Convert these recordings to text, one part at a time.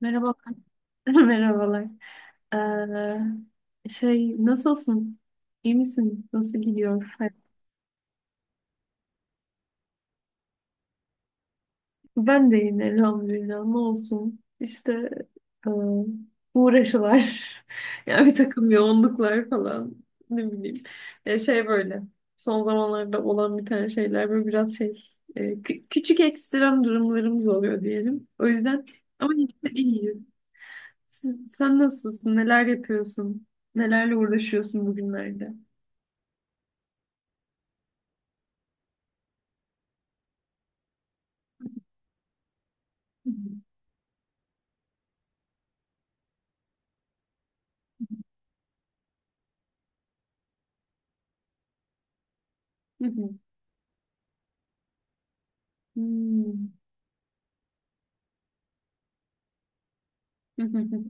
Merhabalar. Merhabalar. Nasılsın? İyi misin? Nasıl gidiyor hayat? Ben de iyiyim elhamdülillah. Ne olsun? İşte e, uğraşılar. Yani bir takım yoğunluklar falan. Ne bileyim. Ya şey böyle. Son zamanlarda olan bir tane şeyler böyle biraz şey. Küçük ekstrem durumlarımız oluyor diyelim. O yüzden ama yine de iyiyiz. Sen nasılsın? Neler yapıyorsun? Nelerle uğraşıyorsun bugünlerde? Hı hı. Hı hı. Hmm. Hı hı hı.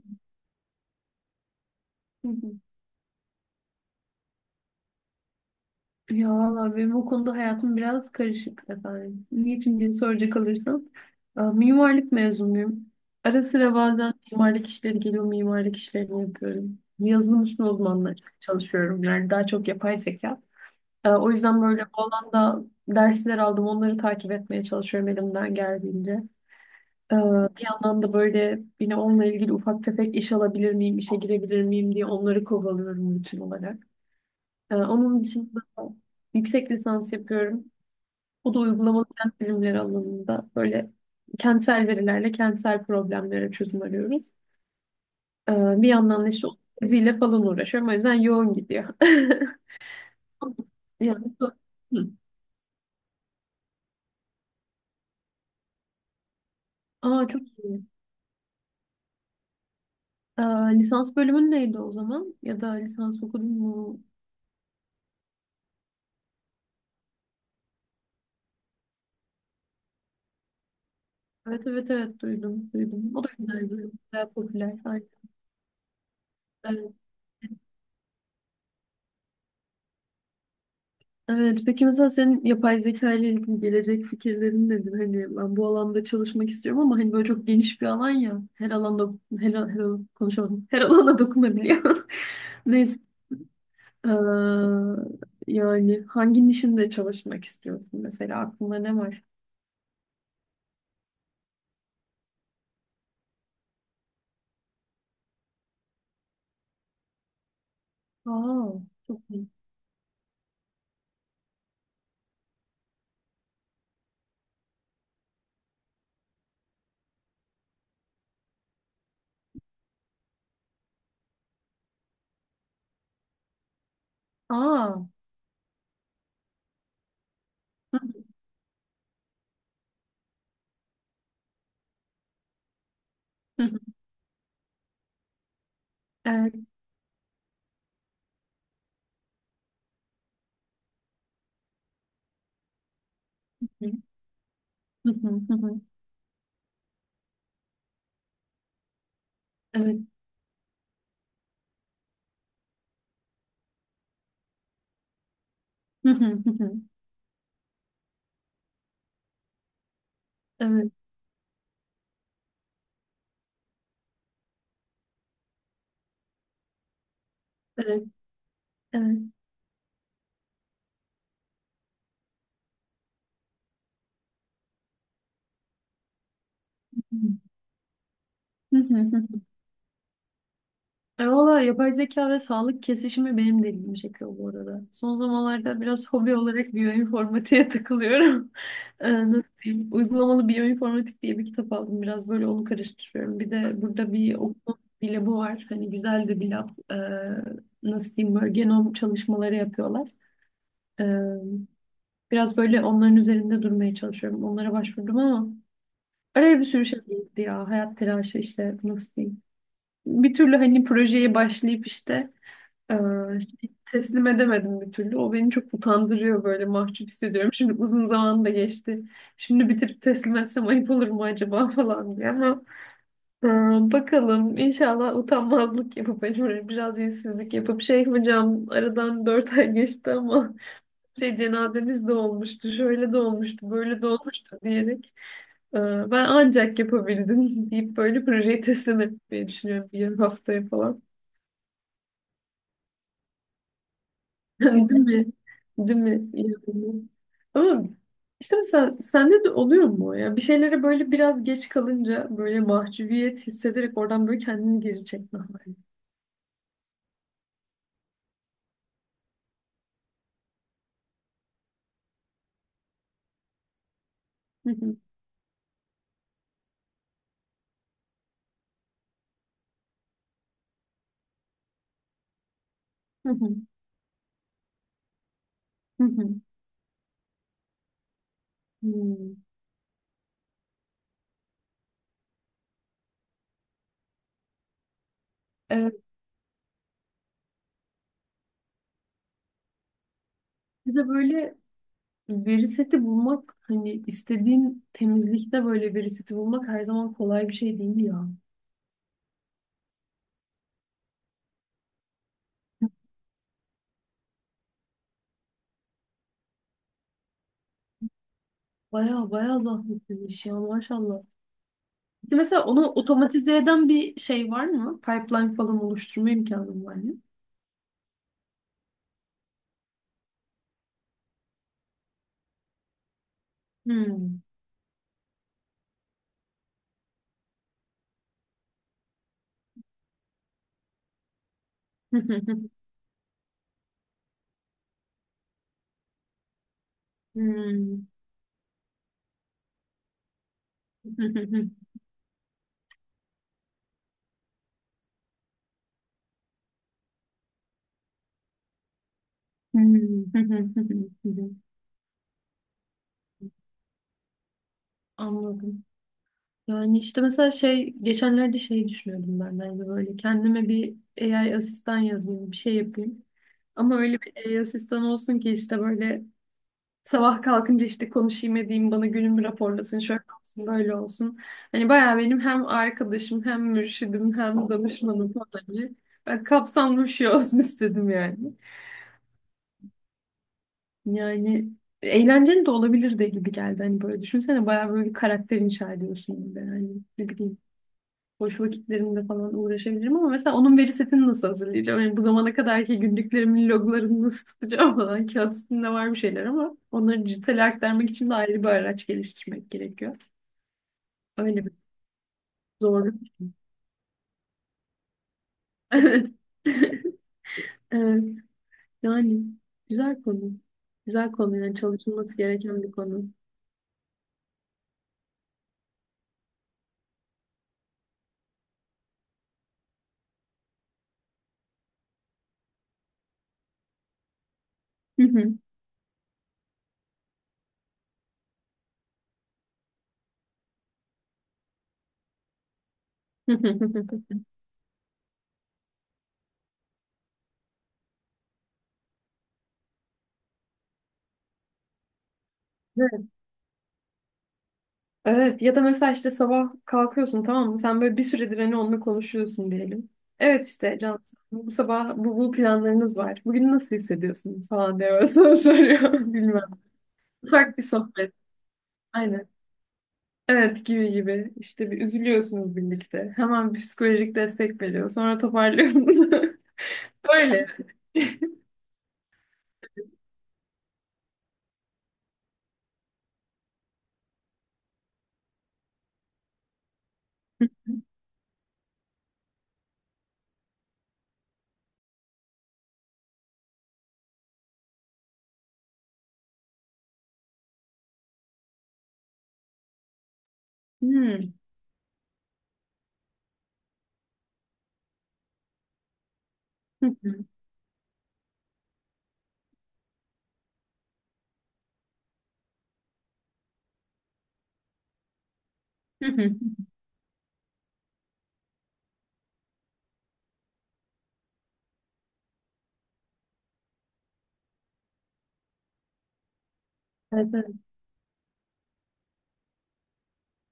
Hı hı. Ya valla benim o konuda hayatım biraz karışık efendim. Niçin diye soracak olursan, mimarlık mezunuyum. Ara sıra bazen mimarlık işleri geliyor, mimarlık işlerini yapıyorum. Yazılım üstüne uzmanla çalışıyorum. Yani daha çok yapay zeka. O yüzden böyle bu alanda dersler aldım. Onları takip etmeye çalışıyorum elimden geldiğince. Ee, bir yandan da böyle yine onunla ilgili ufak tefek iş alabilir miyim, işe girebilir miyim diye onları kovalıyorum bütün olarak. Onun dışında yüksek lisans yapıyorum. O da uygulamalı kent bilimleri alanında böyle kentsel verilerle kentsel problemlere çözüm arıyoruz. Ee, bir yandan da işte o teziyle falan uğraşıyorum. O yüzden yoğun gidiyor. Yani so- Hı. Aa, çok iyi. Ee, lisans bölümün neydi o zaman? Ya da lisans okudun mu? Evet evet evet, duydum duydum. O da güzel bir ürün, bayağı popüler. Ay, evet. Evet, peki mesela senin yapay zeka ile ilgili gelecek fikirlerin nedir? Hani ben bu alanda çalışmak istiyorum ama hani böyle çok geniş bir alan ya. Her alanda her konuşamadım. Her alana dokunabiliyor. Neyse. Ee, yani hangi nişinde çalışmak istiyorsun, mesela aklında ne var? Aa, çok iyi. Aa. Evet. Evet. Hı hı hı hı. Evet. Hı hı hı hı. Evet. Evet. Evet. Hı hı hı hı. E valla yapay zeka ve sağlık kesişimi benim de ilgimi çekiyor bu arada. Son zamanlarda biraz hobi olarak biyoinformatiğe takılıyorum. Nasıl diyeyim? Uygulamalı biyoinformatik diye bir kitap aldım. Biraz böyle onu karıştırıyorum. Bir de burada bir okuma bir labı var. Hani güzel de bir lab. Nasıl diyeyim, böyle genom çalışmaları yapıyorlar. E, biraz böyle onların üzerinde durmaya çalışıyorum. Onlara başvurdum ama araya bir sürü şey girdi ya. Hayat telaşı işte, nasıl diyeyim. Bir türlü hani projeye başlayıp işte e, teslim edemedim bir türlü. O beni çok utandırıyor, böyle mahcup hissediyorum. Şimdi uzun zaman da geçti. Şimdi bitirip teslim etsem ayıp olur mu acaba falan diye ama e, bakalım, inşallah utanmazlık yapıp hani böyle biraz yüzsüzlük yapıp şey, hocam aradan 4 ay geçti ama şey, cenazemiz de olmuştu, şöyle de olmuştu, böyle de olmuştu diyerek e, ben ancak yapabildim deyip böyle projeyi teslim etmeyi düşünüyorum bir haftaya falan. Değil mi? Değil mi? Yani. Ama işte mesela sende de oluyor mu o ya? Bir şeylere böyle biraz geç kalınca böyle mahcubiyet hissederek oradan böyle kendini geri çekme hali. Hı hı, hı hı, hı hı. Hmm. Evet. Bir de böyle veri seti bulmak, hani istediğin temizlikte böyle veri seti bulmak her zaman kolay bir şey değil ya. Baya baya zahmetli bir iş ya, maşallah. Peki mesela onu otomatize eden bir şey var mı? Pipeline falan oluşturma imkanın var mı? Hmm. Hmm. Hmm. Anladım. Yani işte mesela şey, geçenlerde şey düşünüyordum, ben de hani böyle kendime bir AI asistan yazayım bir şey yapayım. Ama öyle bir AI asistan olsun ki işte böyle sabah kalkınca işte konuşayım edeyim, bana günümü raporlasın, şöyle olsun, böyle olsun. Hani bayağı benim hem arkadaşım hem mürşidim hem danışmanım falan gibi. Ben kapsamlı bir şey olsun istedim yani. Yani eğlenceli de olabilirdi gibi geldi. Hani böyle düşünsene, bayağı böyle bir karakter inşa ediyorsun gibi. Hani ne bileyim, boş vakitlerimde falan uğraşabilirim ama mesela onun veri setini nasıl hazırlayacağım? Yani bu zamana kadarki günlüklerimin loglarını nasıl tutacağım falan. Kağıt üstünde var bir şeyler ama onları dijitale aktarmak için de ayrı bir araç geliştirmek gerekiyor. Öyle bir zorluk. Evet. Evet. Yani güzel konu. Güzel konu, yani çalışılması gereken bir konu. Evet, ya da mesela işte sabah kalkıyorsun, tamam mı? Sen böyle bir süredir hani onunla konuşuyorsun diyelim. Evet işte, Can, bu sabah bu planlarınız var. Bugün nasıl hissediyorsun falan diye böyle sana soruyor. Bilmem. Ufak bir sohbet. Aynen. Evet, gibi gibi. İşte bir üzülüyorsunuz birlikte. Hemen bir psikolojik destek veriyor. Sonra toparlıyorsunuz. Öyle. Hmm. Hı hı. Hı hı. Evet. Evet.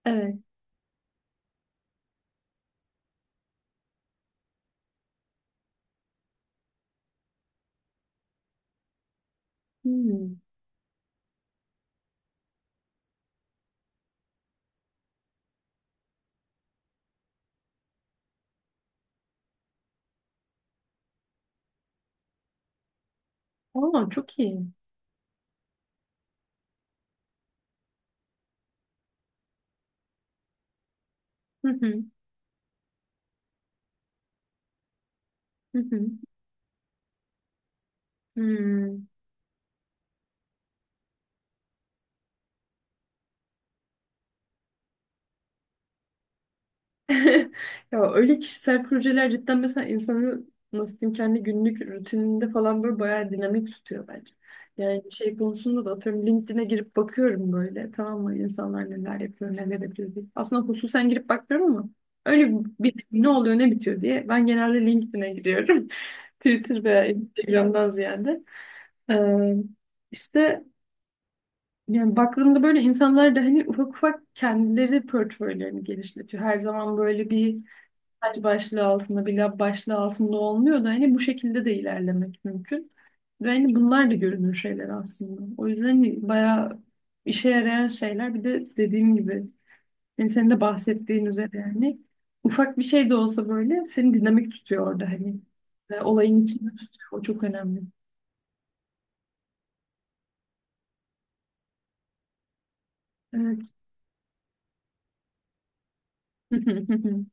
Evet. Hmm. Aa, çok iyi. Hı hı. Hı hı. Hmm. Ya öyle kişisel projeler cidden mesela insanı, nasıl diyeyim, kendi günlük rutininde falan böyle bayağı dinamik tutuyor bence. Yani şey konusunda da atıyorum LinkedIn'e girip bakıyorum, böyle tamam mı, insanlar neler yapıyor neler yapıyor diye. Aslında hususen girip bakmıyorum ama öyle bir ne oluyor ne bitiyor diye ben genelde LinkedIn'e giriyorum. Twitter veya Instagram'dan ziyade. Ee, işte yani baktığımda böyle, insanlar da hani ufak ufak kendileri portföylerini genişletiyor. Her zaman böyle bir hadi başlığı altında, bir lab başlığı altında olmuyor da hani bu şekilde de ilerlemek mümkün. Ve hani bunlar da görünür şeyler aslında. O yüzden hani bayağı işe yarayan şeyler, bir de dediğim gibi hani senin de bahsettiğin üzere yani ufak bir şey de olsa böyle seni dinamik tutuyor orada hani. Ve olayın içinde tutuyor. O çok önemli. Evet.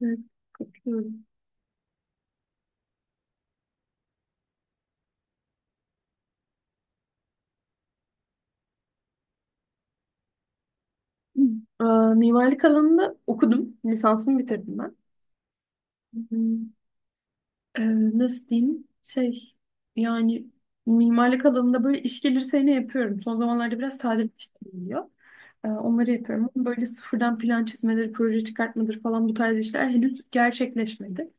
Evet, katılıyorum. Ee, mimarlık alanında okudum. Lisansımı bitirdim ben. Ee, nasıl diyeyim? Şey yani, mimarlık alanında böyle iş gelirse ne yapıyorum? Son zamanlarda biraz sade bir şey geliyor. Onları yapıyorum. Ama böyle sıfırdan plan çizmeleri, proje çıkartmaları falan bu tarz işler henüz gerçekleşmedi.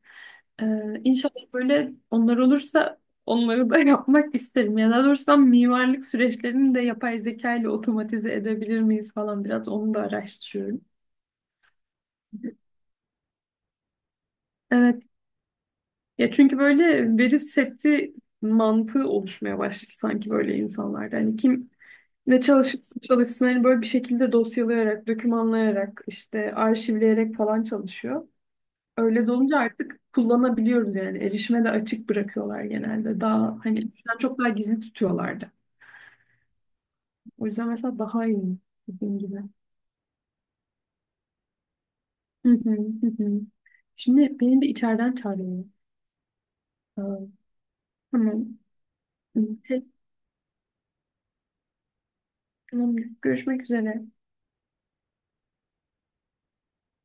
İnşallah böyle onlar olursa onları da yapmak isterim. Ya daha doğrusu ben mimarlık süreçlerini de yapay zeka ile otomatize edebilir miyiz falan, biraz onu da araştırıyorum. Evet. Ya çünkü böyle veri seti mantığı oluşmaya başladı sanki böyle insanlarda. Hani kim ne çalışırsa çalışsın hani böyle bir şekilde dosyalayarak, dokümanlayarak, işte arşivleyerek falan çalışıyor. Öyle de olunca artık kullanabiliyoruz yani. Erişime de açık bırakıyorlar genelde. Daha hani eskiden çok daha gizli tutuyorlardı. O yüzden mesela daha iyi, dediğim gibi. Hı hı, hı hı. Şimdi benim bir içeriden çağırıyor. Aa, tamam. Hı, peki, tamam. Görüşmek üzere.